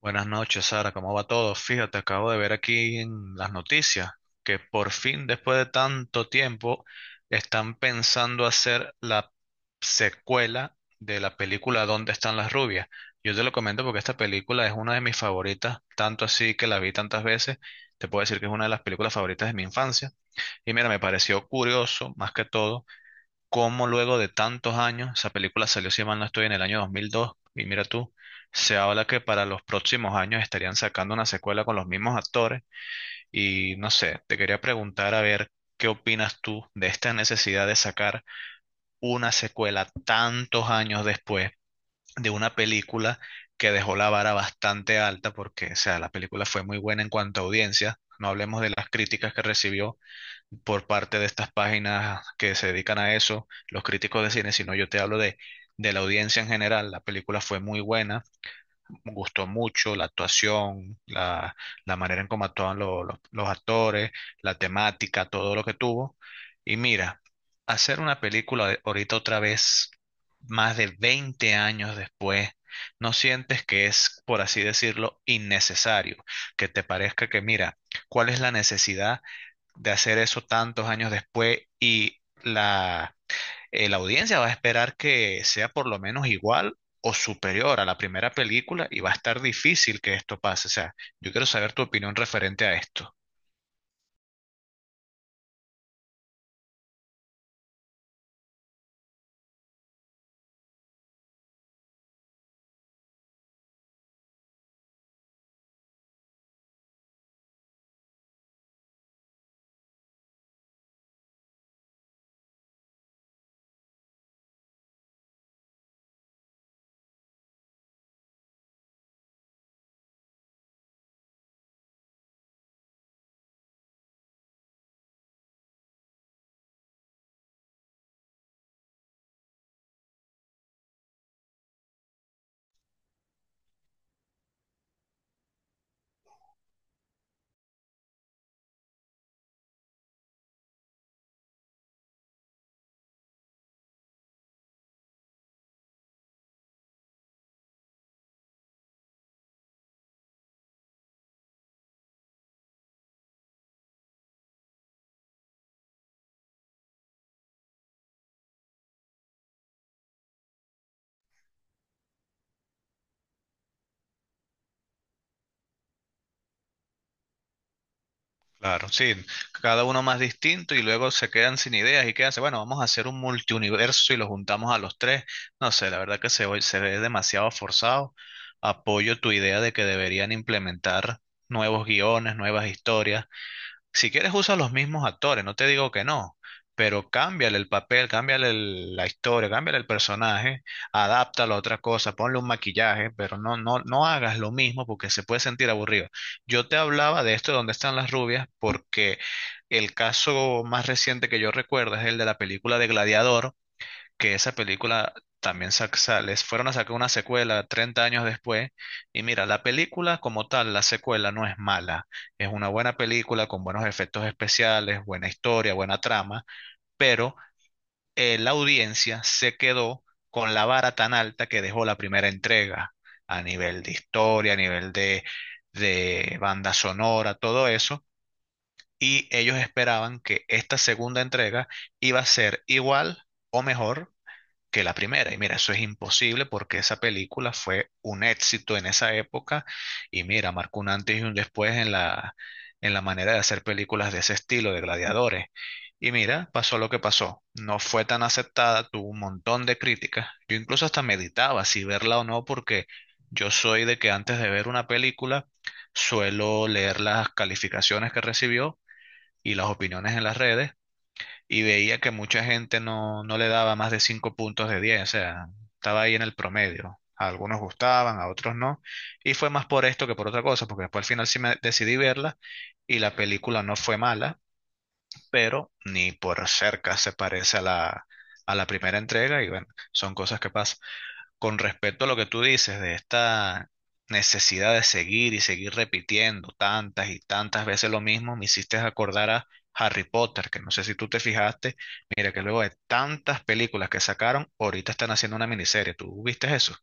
Buenas noches, Sara. ¿Cómo va todo? Fíjate, acabo de ver aquí en las noticias que por fin, después de tanto tiempo, están pensando hacer la secuela de la película ¿Dónde están las rubias? Yo te lo comento porque esta película es una de mis favoritas, tanto así que la vi tantas veces. Te puedo decir que es una de las películas favoritas de mi infancia. Y mira, me pareció curioso, más que todo cómo luego de tantos años, esa película salió, si mal no estoy, en el año 2002, y mira tú, se habla que para los próximos años estarían sacando una secuela con los mismos actores, y no sé, te quería preguntar a ver qué opinas tú de esta necesidad de sacar una secuela tantos años después de una película que dejó la vara bastante alta, porque, o sea, la película fue muy buena en cuanto a audiencia, no hablemos de las críticas que recibió, por parte de estas páginas que se dedican a eso, los críticos de cine, sino yo te hablo de la audiencia en general. La película fue muy buena, me gustó mucho la actuación, la manera en cómo actuaban los actores, la temática, todo lo que tuvo. Y mira, hacer una película ahorita otra vez, más de 20 años después, ¿no sientes que es, por así decirlo, innecesario? Que te parezca que, mira, ¿cuál es la necesidad de hacer eso tantos años después y la audiencia va a esperar que sea por lo menos igual o superior a la primera película y va a estar difícil que esto pase? O sea, yo quiero saber tu opinión referente a esto. Claro, sí, cada uno más distinto y luego se quedan sin ideas y quedan, bueno, vamos a hacer un multiuniverso y lo juntamos a los tres. No sé, la verdad que se ve demasiado forzado. Apoyo tu idea de que deberían implementar nuevos guiones, nuevas historias. Si quieres usa los mismos actores, no te digo que no, pero cámbiale el papel, cámbiale la historia, cámbiale el personaje, adáptalo a otra cosa, ponle un maquillaje, pero no hagas lo mismo porque se puede sentir aburrido. Yo te hablaba de esto de dónde están las rubias porque el caso más reciente que yo recuerdo es el de la película de Gladiador, que esa película también les fueron a sacar una secuela 30 años después. Y mira, la película como tal, la secuela no es mala. Es una buena película con buenos efectos especiales, buena historia, buena trama, pero la audiencia se quedó con la vara tan alta que dejó la primera entrega a nivel de historia, a nivel de banda sonora, todo eso. Y ellos esperaban que esta segunda entrega iba a ser igual o mejor que la primera. Y mira, eso es imposible porque esa película fue un éxito en esa época y mira, marcó un antes y un después en en la manera de hacer películas de ese estilo, de gladiadores. Y mira, pasó lo que pasó. No fue tan aceptada, tuvo un montón de críticas. Yo incluso hasta meditaba si verla o no porque yo soy de que antes de ver una película suelo leer las calificaciones que recibió y las opiniones en las redes y veía que mucha gente no le daba más de 5 puntos de diez, o sea, estaba ahí en el promedio. A algunos gustaban, a otros no. Y fue más por esto que por otra cosa, porque después al final sí me decidí verla y la película no fue mala, pero ni por cerca se parece a a la primera entrega y bueno, son cosas que pasan. Con respecto a lo que tú dices de esta necesidad de seguir y seguir repitiendo tantas y tantas veces lo mismo, me hiciste acordar a Harry Potter, que no sé si tú te fijaste, mira que luego de tantas películas que sacaron, ahorita están haciendo una miniserie. ¿Tú viste eso?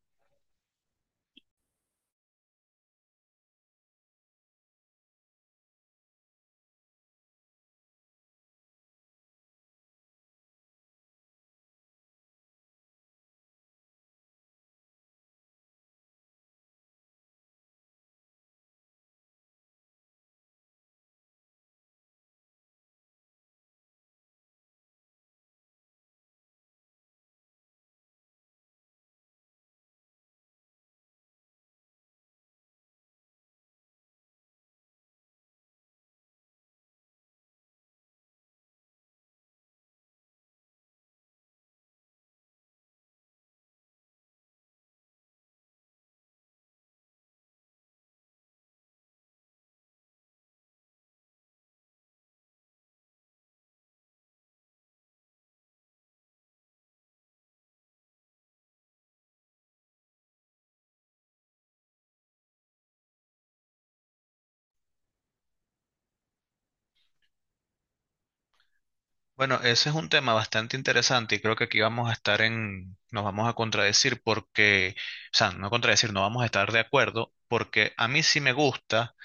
Bueno, ese es un tema bastante interesante y creo que aquí vamos a estar nos vamos a contradecir porque, o sea, no contradecir, no vamos a estar de acuerdo porque a mí sí me gusta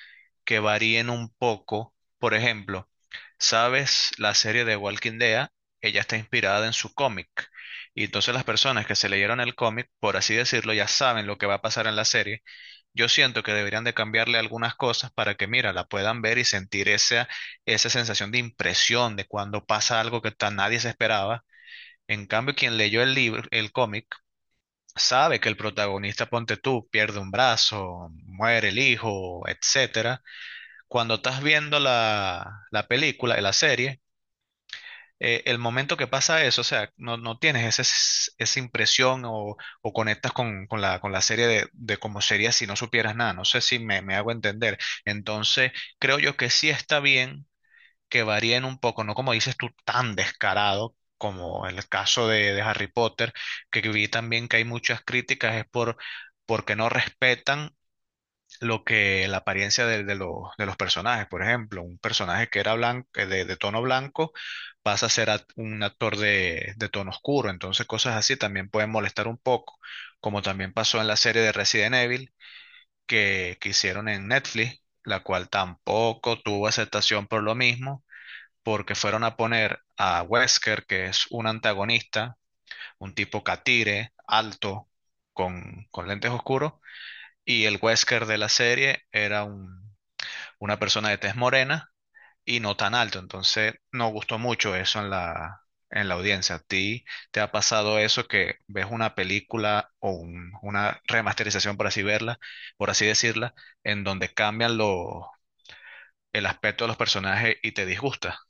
que varíen un poco, por ejemplo. ¿Sabes? La serie de Walking Dead, ella está inspirada en su cómic. Y entonces las personas que se leyeron el cómic, por así decirlo, ya saben lo que va a pasar en la serie. Yo siento que deberían de cambiarle algunas cosas para que, mira, la puedan ver y sentir esa, esa sensación de impresión de cuando pasa algo que tan nadie se esperaba. En cambio, quien leyó el libro, el cómic, sabe que el protagonista, ponte tú, pierde un brazo, muere el hijo, etcétera. Cuando estás viendo la película, la serie, el momento que pasa eso, o sea, no tienes ese, esa impresión o conectas con la serie de cómo sería si no supieras nada. No sé si me hago entender. Entonces, creo yo que sí está bien que varíen un poco, no como dices tú, tan descarado, como el caso de Harry Potter, que vi también que hay muchas críticas, es por porque no respetan lo que la apariencia de de los personajes. Por ejemplo, un personaje que era blanco, de tono blanco pasa a ser un actor de tono oscuro. Entonces, cosas así también pueden molestar un poco, como también pasó en la serie de Resident Evil que hicieron en Netflix, la cual tampoco tuvo aceptación por lo mismo, porque fueron a poner a Wesker, que es un antagonista, un tipo catire, alto, con lentes oscuros. Y el Wesker de la serie era un, una persona de tez morena y no tan alto. Entonces, no gustó mucho eso en en la audiencia. ¿A ti te ha pasado eso que ves una película o una remasterización, por así verla, por así decirla, en donde cambian el aspecto de los personajes y te disgusta?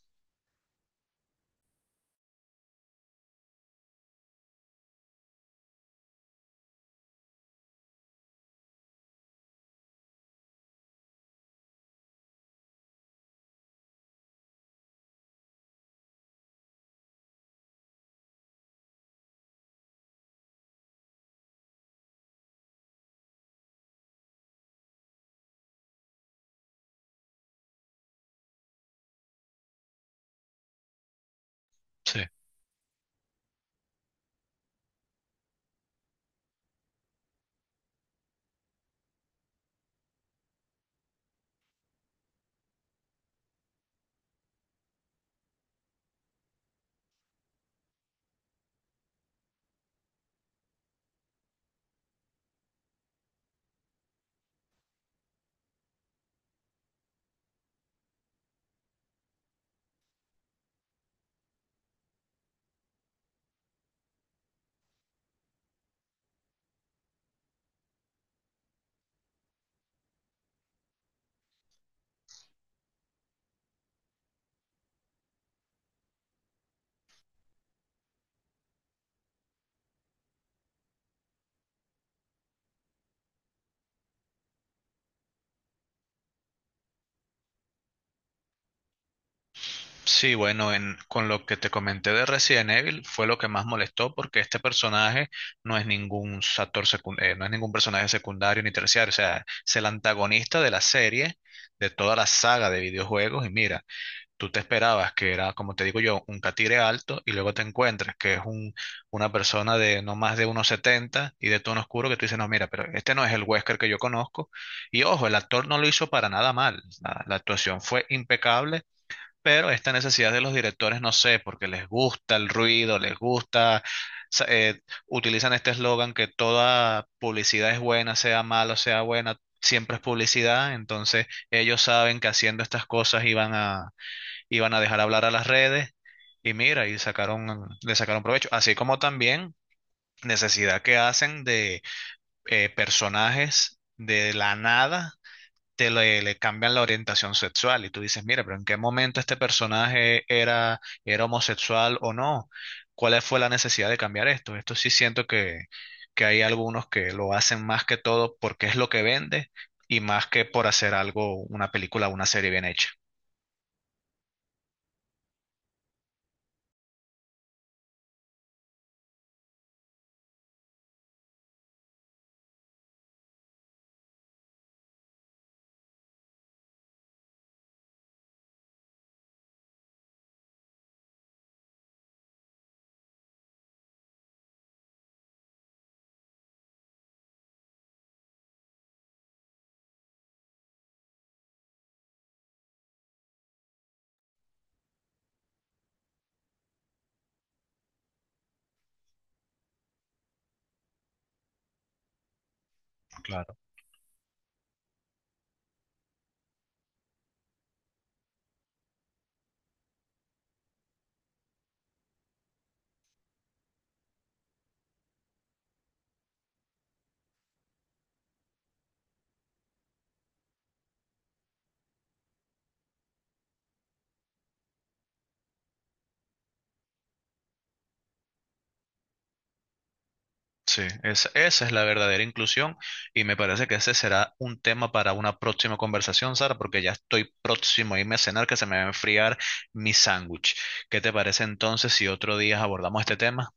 Sí, bueno, con lo que te comenté de Resident Evil fue lo que más molestó porque este personaje no es ningún no es ningún personaje secundario ni terciario, o sea, es el antagonista de la serie, de toda la saga de videojuegos y mira, tú te esperabas que era, como te digo yo, un catire alto y luego te encuentras que es un, una persona de no más de 1,70 y de tono oscuro que tú dices, no, mira, pero este no es el Wesker que yo conozco. Y ojo, el actor no lo hizo para nada mal, la actuación fue impecable, pero esta necesidad de los directores, no sé, porque les gusta el ruido, les gusta, sa- eh, utilizan este eslogan que toda publicidad es buena, sea mala o sea buena, siempre es publicidad. Entonces ellos saben que haciendo estas cosas iban a dejar hablar a las redes y mira, y sacaron, le sacaron provecho, así como también necesidad que hacen de personajes de la nada le cambian la orientación sexual y tú dices, mira, pero ¿en qué momento este personaje era homosexual o no? ¿Cuál fue la necesidad de cambiar esto? Esto sí siento que hay algunos que lo hacen más que todo porque es lo que vende y más que por hacer algo, una película o una serie bien hecha. Claro. Sí, esa es la verdadera inclusión y me parece que ese será un tema para una próxima conversación, Sara, porque ya estoy próximo a irme a cenar que se me va a enfriar mi sándwich. ¿Qué te parece entonces si otro día abordamos este tema?